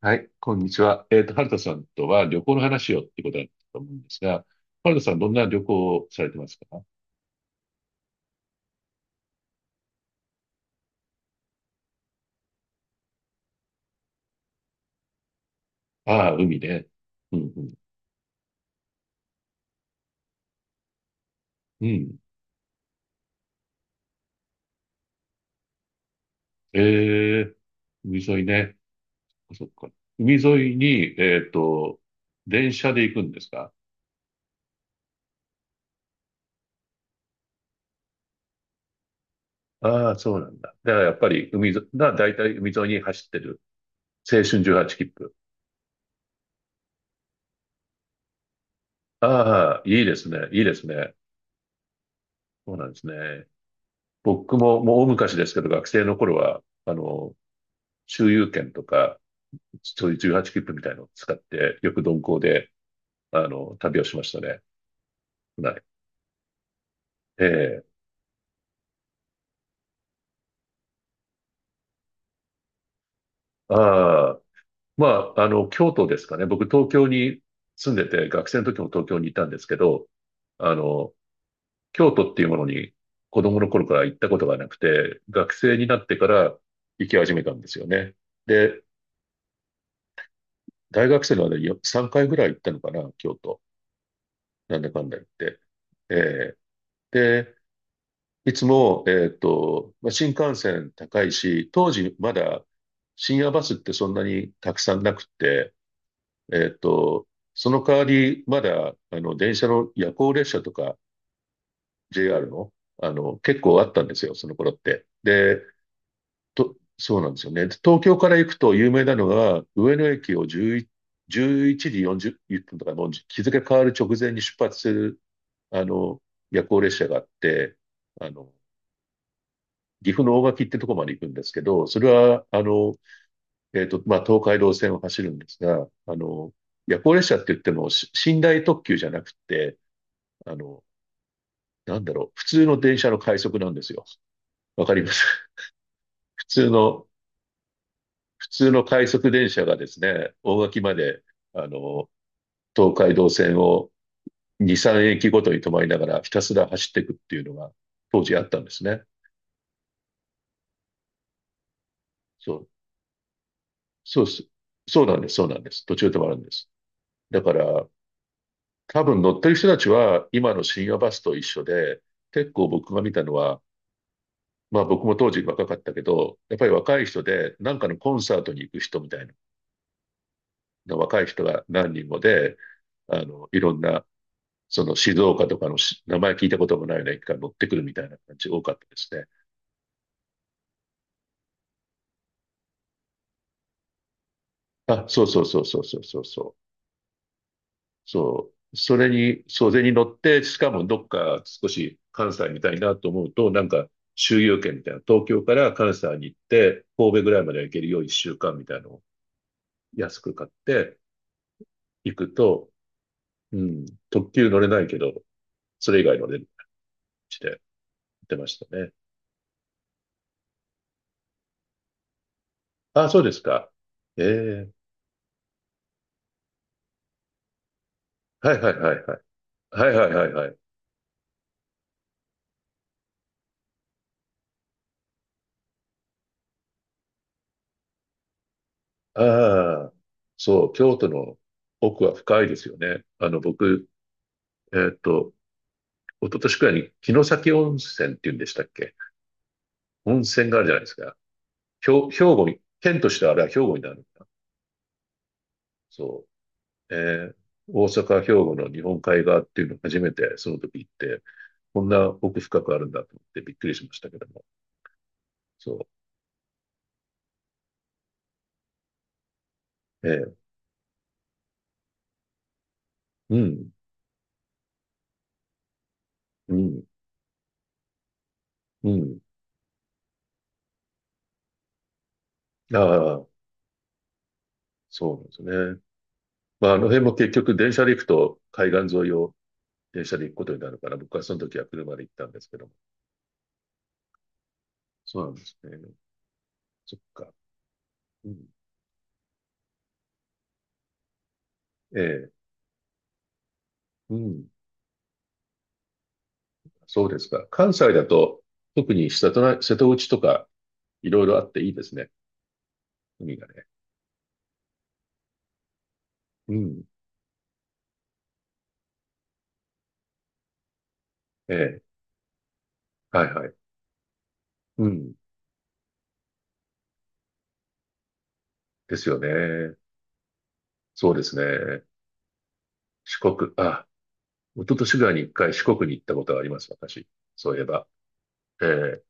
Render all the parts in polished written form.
はい、こんにちは。春田さんとは旅行の話をっていうことだったと思うんですが、春田さんどんな旅行をされてますか？ああ、海ね。うん、うん、うん。ええ、海沿いね。あそっか。海沿いに、電車で行くんですか？ああ、そうなんだ。だからやっぱり海沿い、だいたい海沿いに走ってる。青春18切符。ああ、いいですね。いいですね。そうなんですね。僕ももう大昔ですけど、学生の頃は、周遊券とか、そういう18切符みたいのを使って、よく鈍行で、旅をしましたね。はい。ええ、ああ、まあ、京都ですかね。僕、東京に住んでて、学生の時も東京にいたんですけど、あの、京都っていうものに子供の頃から行ったことがなくて、学生になってから行き始めたんですよね。で、大学生の間に3回ぐらい行ったのかな、京都。なんだかんだ言って。ええ、いつも、まあ、新幹線高いし、当時まだ深夜バスってそんなにたくさんなくって、えっと、その代わりまだ、電車の夜行列車とか JR の、結構あったんですよ、その頃って。で、そうなんですよね。で東京から行くと有名なのが、上野駅を11、時4 0分とか、の日付変わる直前に出発する、あの、夜行列車があって、あの、岐阜の大垣ってとこまで行くんですけど、それは、まあ、東海道線を走るんですが、夜行列車って言っても、寝台特急じゃなくて、あの、なんだろう、普通の電車の快速なんですよ。わかります？ 普通の、普通の快速電車がですね、大垣まで、あの、東海道線を2、3駅ごとに止まりながらひたすら走っていくっていうのが当時あったんですね。そう、そうです。そうなんです、そうなんです。途中で止まるんです。だから、多分乗ってる人たちは今の深夜バスと一緒で、結構僕が見たのは、まあ僕も当時若かったけど、やっぱり若い人で、なんかのコンサートに行く人みたいな、若い人が何人もで、いろんな、その静岡とかの名前聞いたこともないような駅から乗ってくるみたいな感じ多かったですね。あ、そうそうそうそうそうそうそう。そう。それに、そう、それに乗って、しかもどっか少し関西みたいなと思うと、なんか周遊券みたいな、東京から関西に行って、神戸ぐらいまで行けるよう1週間みたいなのを安く買って行くと、うん、特急乗れないけど、それ以外乗れるして言ってましたね。あ、そうですか。ええ、はいはいはいはい。はいはいはいはい。ああ、そう、京都の奥は深いですよね。僕、えっと、一昨年くらいに城崎温泉って言うんでしたっけ？温泉があるじゃないですか。兵庫に、県としてはあれは兵庫になるんだ。そう。ー大阪、兵庫の日本海側っていうのを初めてその時行って、こんな奥深くあるんだと思ってびっくりしましたけども。そう。うん、うん、うん。ああ、そうなんですね。まあ、あの辺も結局電車で行くと海岸沿いを電車で行くことになるから、僕はその時は車で行ったんですけども。そうなんですね。そっか。うん、ええ、うん。そうですか。関西だと、特に瀬戸内とか、いろいろあっていいですね。海がね。うん。ええ。はいはい。うん。ですよね。そうですね。四国、あ、一昨年ぐらいに一回四国に行ったことがあります、私。そういえば。ええ。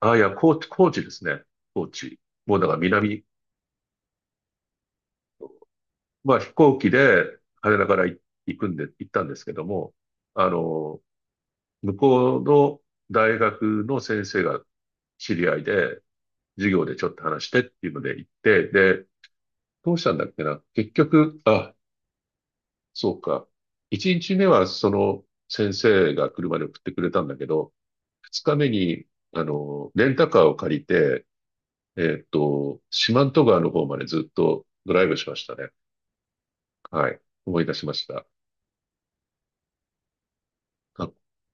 あ、いや、高知、高知ですね。高知。もうだから南、まあ飛行機で羽田から行くんで、行ったんですけども、あの、向こうの大学の先生が知り合いで、授業でちょっと話してっていうので行って、で、どうしたんだっけな。結局、あ、そうか。一日目はその先生が車で送ってくれたんだけど、二日目に、レンタカーを借りて、四万十川の方までずっとドライブしましたね。はい。思い出しました。あ、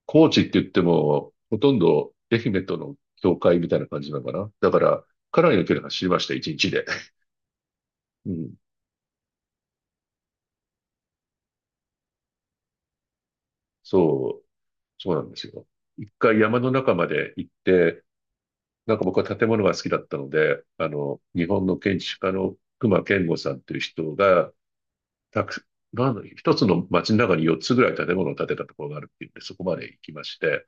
高知って言っても、ほとんど愛媛との境界みたいな感じなのかな。だから、かなりの距離走りました、一日で。うん。そそうなんですよ。一回山の中まで行って、なんか僕は建物が好きだったので、日本の建築家の隈研吾さんという人が、たく、なんだ、一つの街の中に4つぐらい建物を建てたところがあるっていうんで、そこまで行きまして、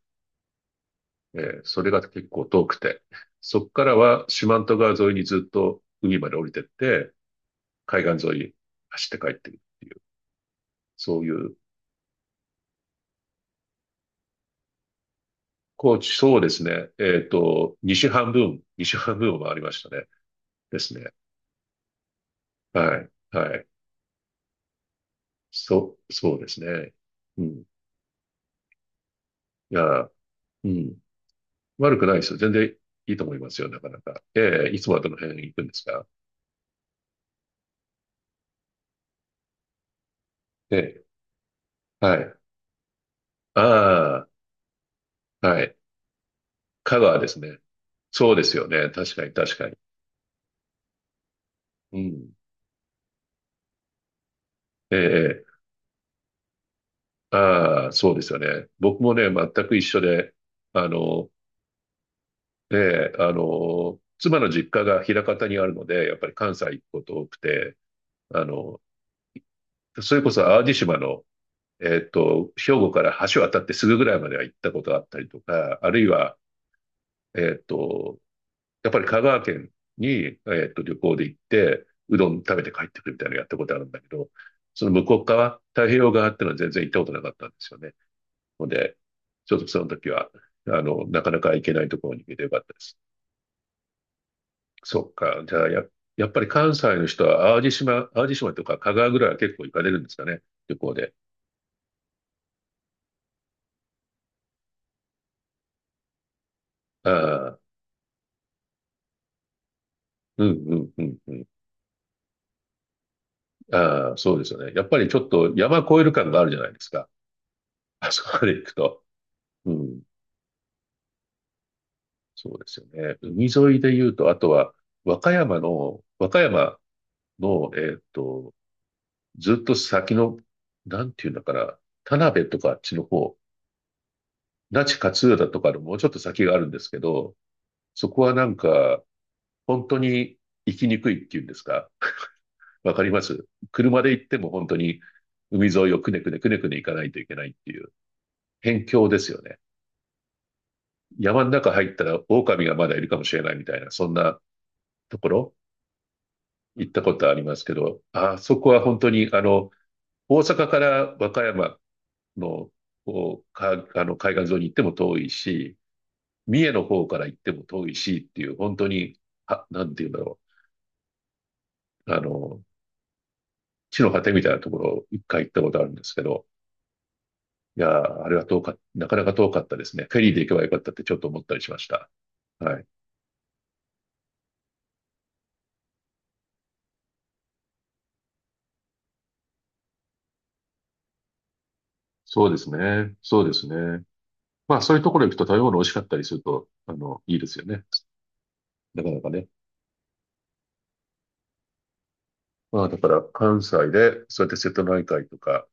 それが結構遠くて、そこからは四万十川沿いにずっと海まで降りてって、海岸沿い走って帰ってくるっていう、そういう、高知、そうですね、西半分、西半分を回りましたね。ですね。はい、はい。そう、そうですね。うん。いや、うん。悪くないですよ。全然いいと思いますよ、なかなか。ええ、いつもはどの辺行くんですか？ええ、はい。ああ、はい。香川ですね。そうですよね。確かに、確かに。うん。ええ、ええ、ああ、そうですよね。僕もね、全く一緒で、あの、ねえ、妻の実家が枚方にあるので、やっぱり関西行くこと多くて、あの、それこそ淡路島の兵庫から橋渡ってすぐぐらいまでは行ったことがあったりとか、あるいは、えっと、やっぱり香川県に、旅行で行って、うどん食べて帰ってくるみたいなのやったことあるんだけど、その向こう側、太平洋側っていうのは全然行ったことなかったんですよね。ので、ちょっとその時は、なかなか行けないところに行けてよかったです。そっか。じゃあ、やっぱり関西の人は、淡路島、淡路島とか香川ぐらいは結構行かれるんですかね。旅行で。ああ、うん、うん、うん、うん。ああ、そうですよね。やっぱりちょっと山越える感があるじゃないですか。あそこまで行くと。うん。そうですよね。海沿いで言うと、あとは、和歌山の、ずっと先の、なんていうんだから、田辺とかあっちの方、那智勝浦とかのもうちょっと先があるんですけど、そこはなんか、本当に行きにくいっていうんですか。わかります？車で行っても本当に海沿いをくねくねくねくね行かないといけないっていう、辺境ですよね。山の中入ったら狼がまだいるかもしれないみたいな、そんなところ行ったことありますけど、あそこは本当に、大阪から和歌山の、こうか、海岸沿いに行っても遠いし、三重の方から行っても遠いしっていう、本当に、あ、なんて言うんだろう。地の果てみたいなところを一回行ったことあるんですけど、いやー、あれはなかなか遠かったですね。フェリーで行けばよかったってちょっと思ったりしました。はい。そうですね。そうですね。まあそういうところに行くと食べ物美味しかったりすると、いいですよね。なかなかね。まあだから関西で、そうやって瀬戸内海とか、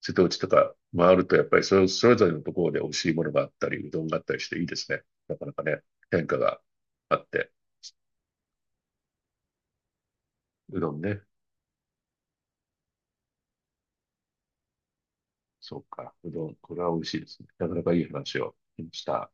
瀬戸内とか回ると、やっぱりそれぞれのところで美味しいものがあったり、うどんがあったりしていいですね。なかなかね、変化があって。うどんね。そうか。うどん、これは美味しいですね。なかなかいい話をしました。